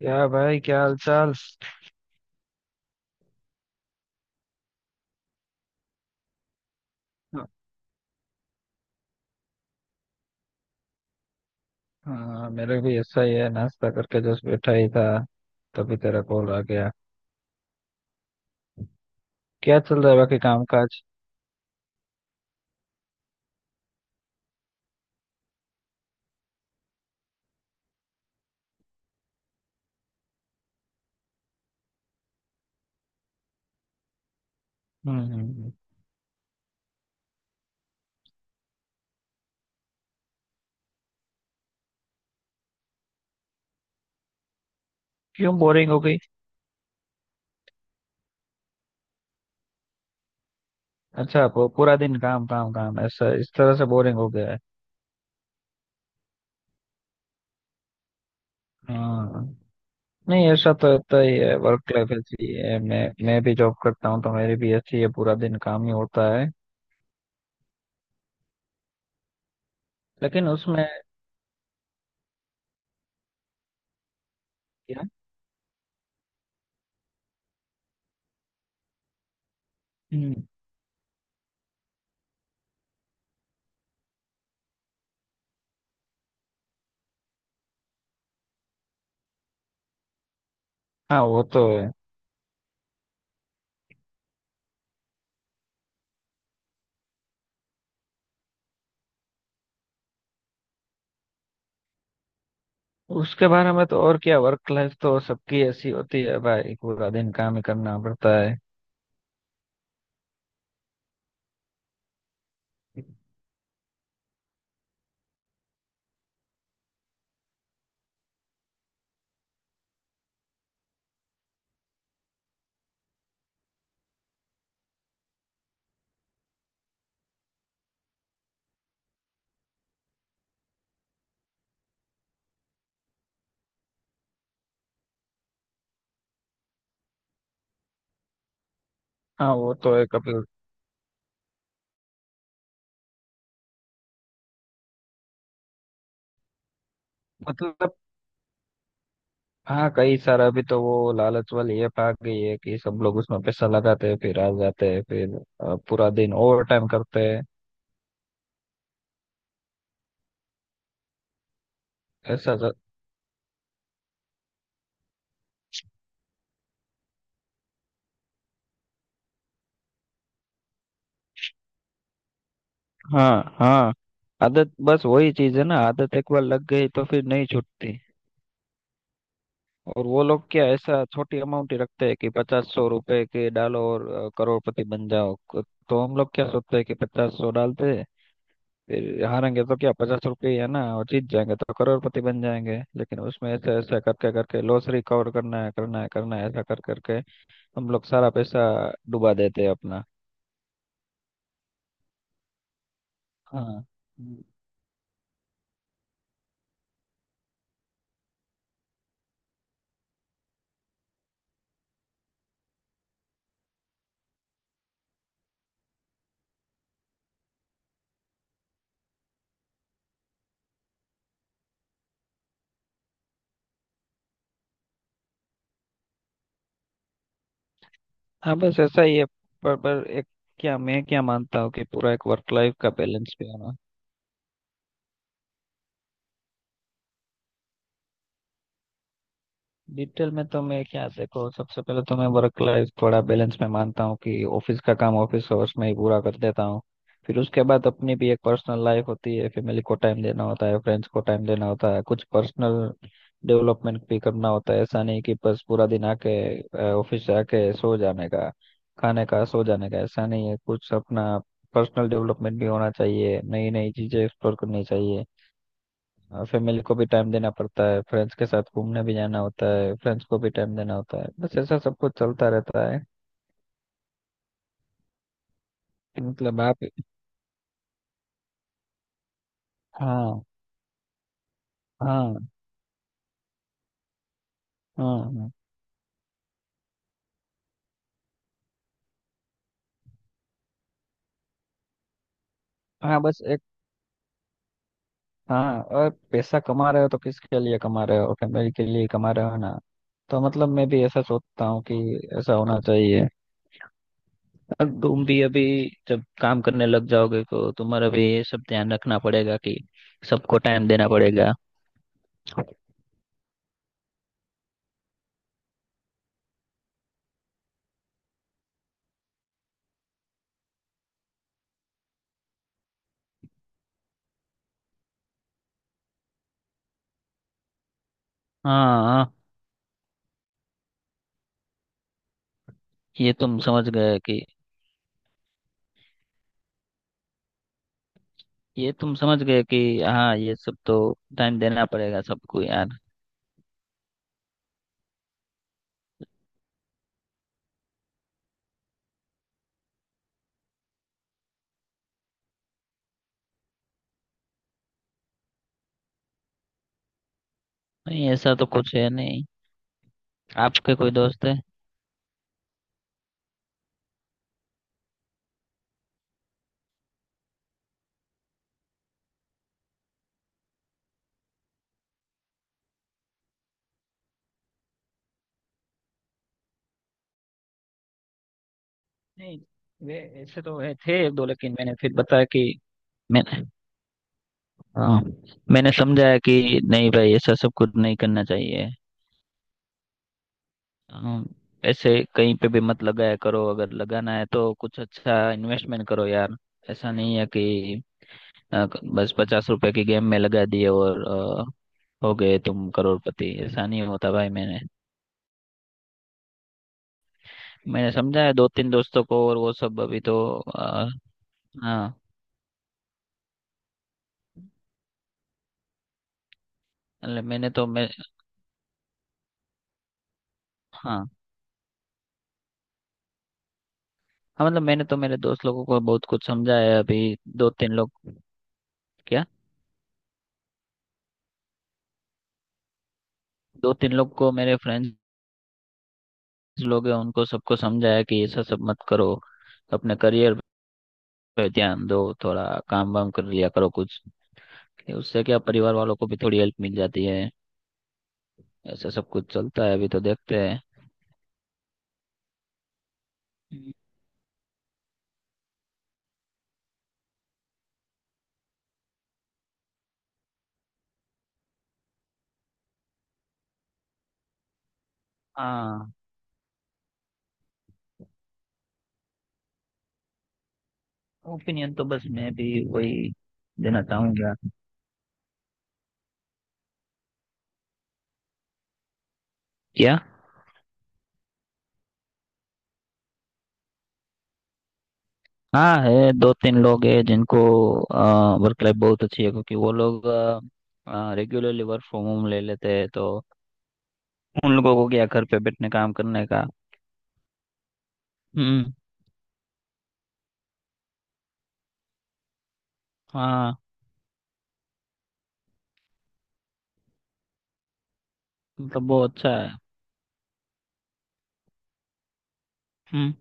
क्या भाई, क्या हाल चाल। हाँ, मेरे भी ऐसा ही है, नाश्ता करके जस्ट बैठा ही था, तभी तेरा कॉल आ गया। क्या चल रहा है बाकी काम काज। हम्म हम्म। क्यों बोरिंग हो गई। अच्छा, पूरा दिन काम काम काम ऐसा इस तरह से बोरिंग हो गया है। हाँ। नहीं, ऐसा तो होता ही है, वर्क लाइफ ऐसी है। मैं भी जॉब करता हूँ तो मेरी भी ऐसी है, पूरा दिन काम ही होता है, लेकिन उसमें क्या। हम्म। हाँ वो तो है। उसके बारे में तो और क्या, वर्क लाइफ तो सबकी ऐसी होती है भाई, पूरा दिन काम ही करना पड़ता है। हाँ वो तो है कभी। मतलब, हाँ, कई सारा, अभी तो वो लालच वाली ऐप आ गई है कि सब लोग उसमें पैसा लगाते हैं, फिर आ जाते हैं, फिर पूरा दिन ओवर टाइम करते हैं। ऐसा सा- हाँ हाँ। आदत बस वही चीज है ना, आदत एक बार लग गई तो फिर नहीं छूटती। और वो लोग क्या ऐसा छोटी अमाउंट ही रखते हैं कि 50-100 रुपए के डालो और करोड़पति बन जाओ। तो हम लोग क्या सोचते हैं कि 50-100 डालते हैं, फिर हारेंगे तो क्या 50 रुपये ही है ना, और जीत जाएंगे तो करोड़पति बन जाएंगे, लेकिन उसमें ऐसा ऐसा करके करके लॉस रिकवर करना है करना है करना है ऐसा कर करके हम लोग सारा पैसा डुबा देते हैं अपना। हाँ हाँ, बस ऐसा ही है। पर एक क्या, मैं क्या मानता हूँ कि पूरा एक वर्क लाइफ का बैलेंस भी होना। डिटेल में तो मैं क्या, देखो, सबसे पहले तो मैं वर्क लाइफ थोड़ा बैलेंस में मानता हूँ, कि ऑफिस का काम ऑफिस आवर्स में ही पूरा कर देता हूँ। फिर उसके बाद अपनी भी एक पर्सनल लाइफ होती है, फैमिली को टाइम देना होता है, फ्रेंड्स को टाइम देना होता है, कुछ पर्सनल डेवलपमेंट भी करना होता है। ऐसा नहीं कि बस पूरा दिन आके ऑफिस से आके सो जाने का, खाने का, सो जाने का, ऐसा नहीं है। कुछ अपना पर्सनल डेवलपमेंट भी होना चाहिए, नई नई चीजें एक्सप्लोर करनी चाहिए। और फैमिली को भी टाइम देना पड़ता है, फ्रेंड्स के साथ घूमने भी जाना होता है, फ्रेंड्स को भी टाइम देना होता है। बस ऐसा सब कुछ चलता रहता है। मतलब आप। हाँ। हाँ। हाँ। हाँ। हाँ, बस एक। हाँ, और पैसा कमा रहे हो तो किसके लिए कमा रहे हो, फैमिली के लिए कमा रहे हो ना। तो मतलब मैं भी ऐसा सोचता हूँ कि ऐसा होना चाहिए। और तुम भी अभी, जब काम करने लग जाओगे तो तुम्हारा भी ये सब ध्यान रखना पड़ेगा कि सबको टाइम देना पड़ेगा। हाँ हाँ। ये तुम समझ गए कि। ये तुम समझ गए कि हाँ, ये सब तो टाइम देना पड़ेगा सबको यार। नहीं, ऐसा तो कुछ है नहीं। आपके कोई दोस्त है। नहीं। वे, ऐसे तो है थे एक दो, लेकिन मैंने फिर बताया कि मैंने हाँ, मैंने समझाया कि नहीं भाई ऐसा सब कुछ नहीं करना चाहिए। हाँ, ऐसे कहीं पे भी मत लगाया करो, अगर लगाना है तो कुछ अच्छा इन्वेस्टमेंट करो यार। ऐसा नहीं है कि अ, बस 50 रुपए की गेम में लगा दिए और हो गए तुम करोड़पति। ऐसा नहीं होता भाई। मैंने मैंने समझा है दो तीन दोस्तों को और वो सब अभी तो आ, हाँ। मतलब मैंने तो मैं। हाँ हाँ, मतलब मैंने तो मेरे दोस्त लोगों को बहुत कुछ समझाया है। अभी दो तीन लोग क्या। दो तीन लोग को, मेरे फ्रेंड्स लोग हैं, उनको सबको समझाया कि ऐसा सब मत करो, अपने करियर पे ध्यान दो थोड़ा, काम वाम कर लिया करो कुछ, कि उससे क्या परिवार वालों को भी थोड़ी हेल्प मिल जाती है। ऐसा सब कुछ चलता है, अभी तो देखते हैं। हाँ। ओपिनियन तो बस मैं भी वही देना चाहूंगा। क्या। हाँ है, दो तीन लोग हैं जिनको वर्क लाइफ बहुत अच्छी है, क्योंकि वो लोग रेगुलरली वर्क फ्रॉम होम ले लेते हैं, तो उन लोगों को क्या घर पे बैठने काम करने का। हम्म। हाँ, मतलब वो अच्छा है। हम्म।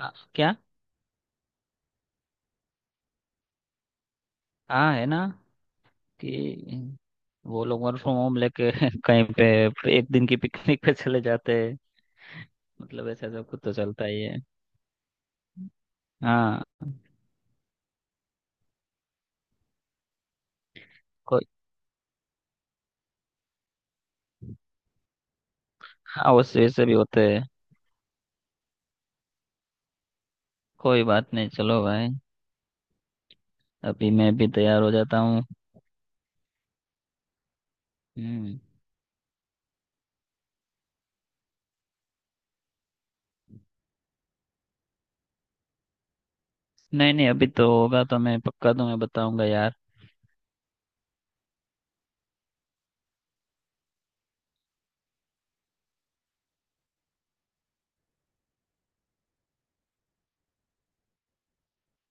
क्या। हाँ है ना, कि वो लोग वर्क फ्रॉम होम लेके कहीं पे एक दिन की पिकनिक पे चले जाते हैं। मतलब ऐसा सब कुछ तो चलता ही है। हाँ। कोई। हाँ, वैसे वैसे भी होते हैं। कोई बात नहीं, चलो भाई। अभी मैं भी तैयार हो जाता हूँ। हम्म। नहीं नहीं, अभी तो होगा तो मैं पक्का तुम्हें बताऊंगा यार।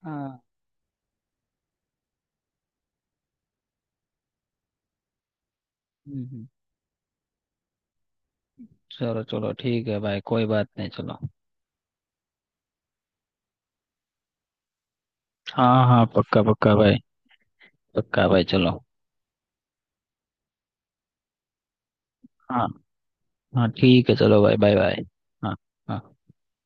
हाँ। हम्म, चलो चलो ठीक है भाई, कोई बात नहीं, चलो। हाँ हाँ, पक्का पक्का भाई। पक्का भाई चलो। हाँ हाँ ठीक है, चलो भाई, बाय बाय। हाँ। हाँ।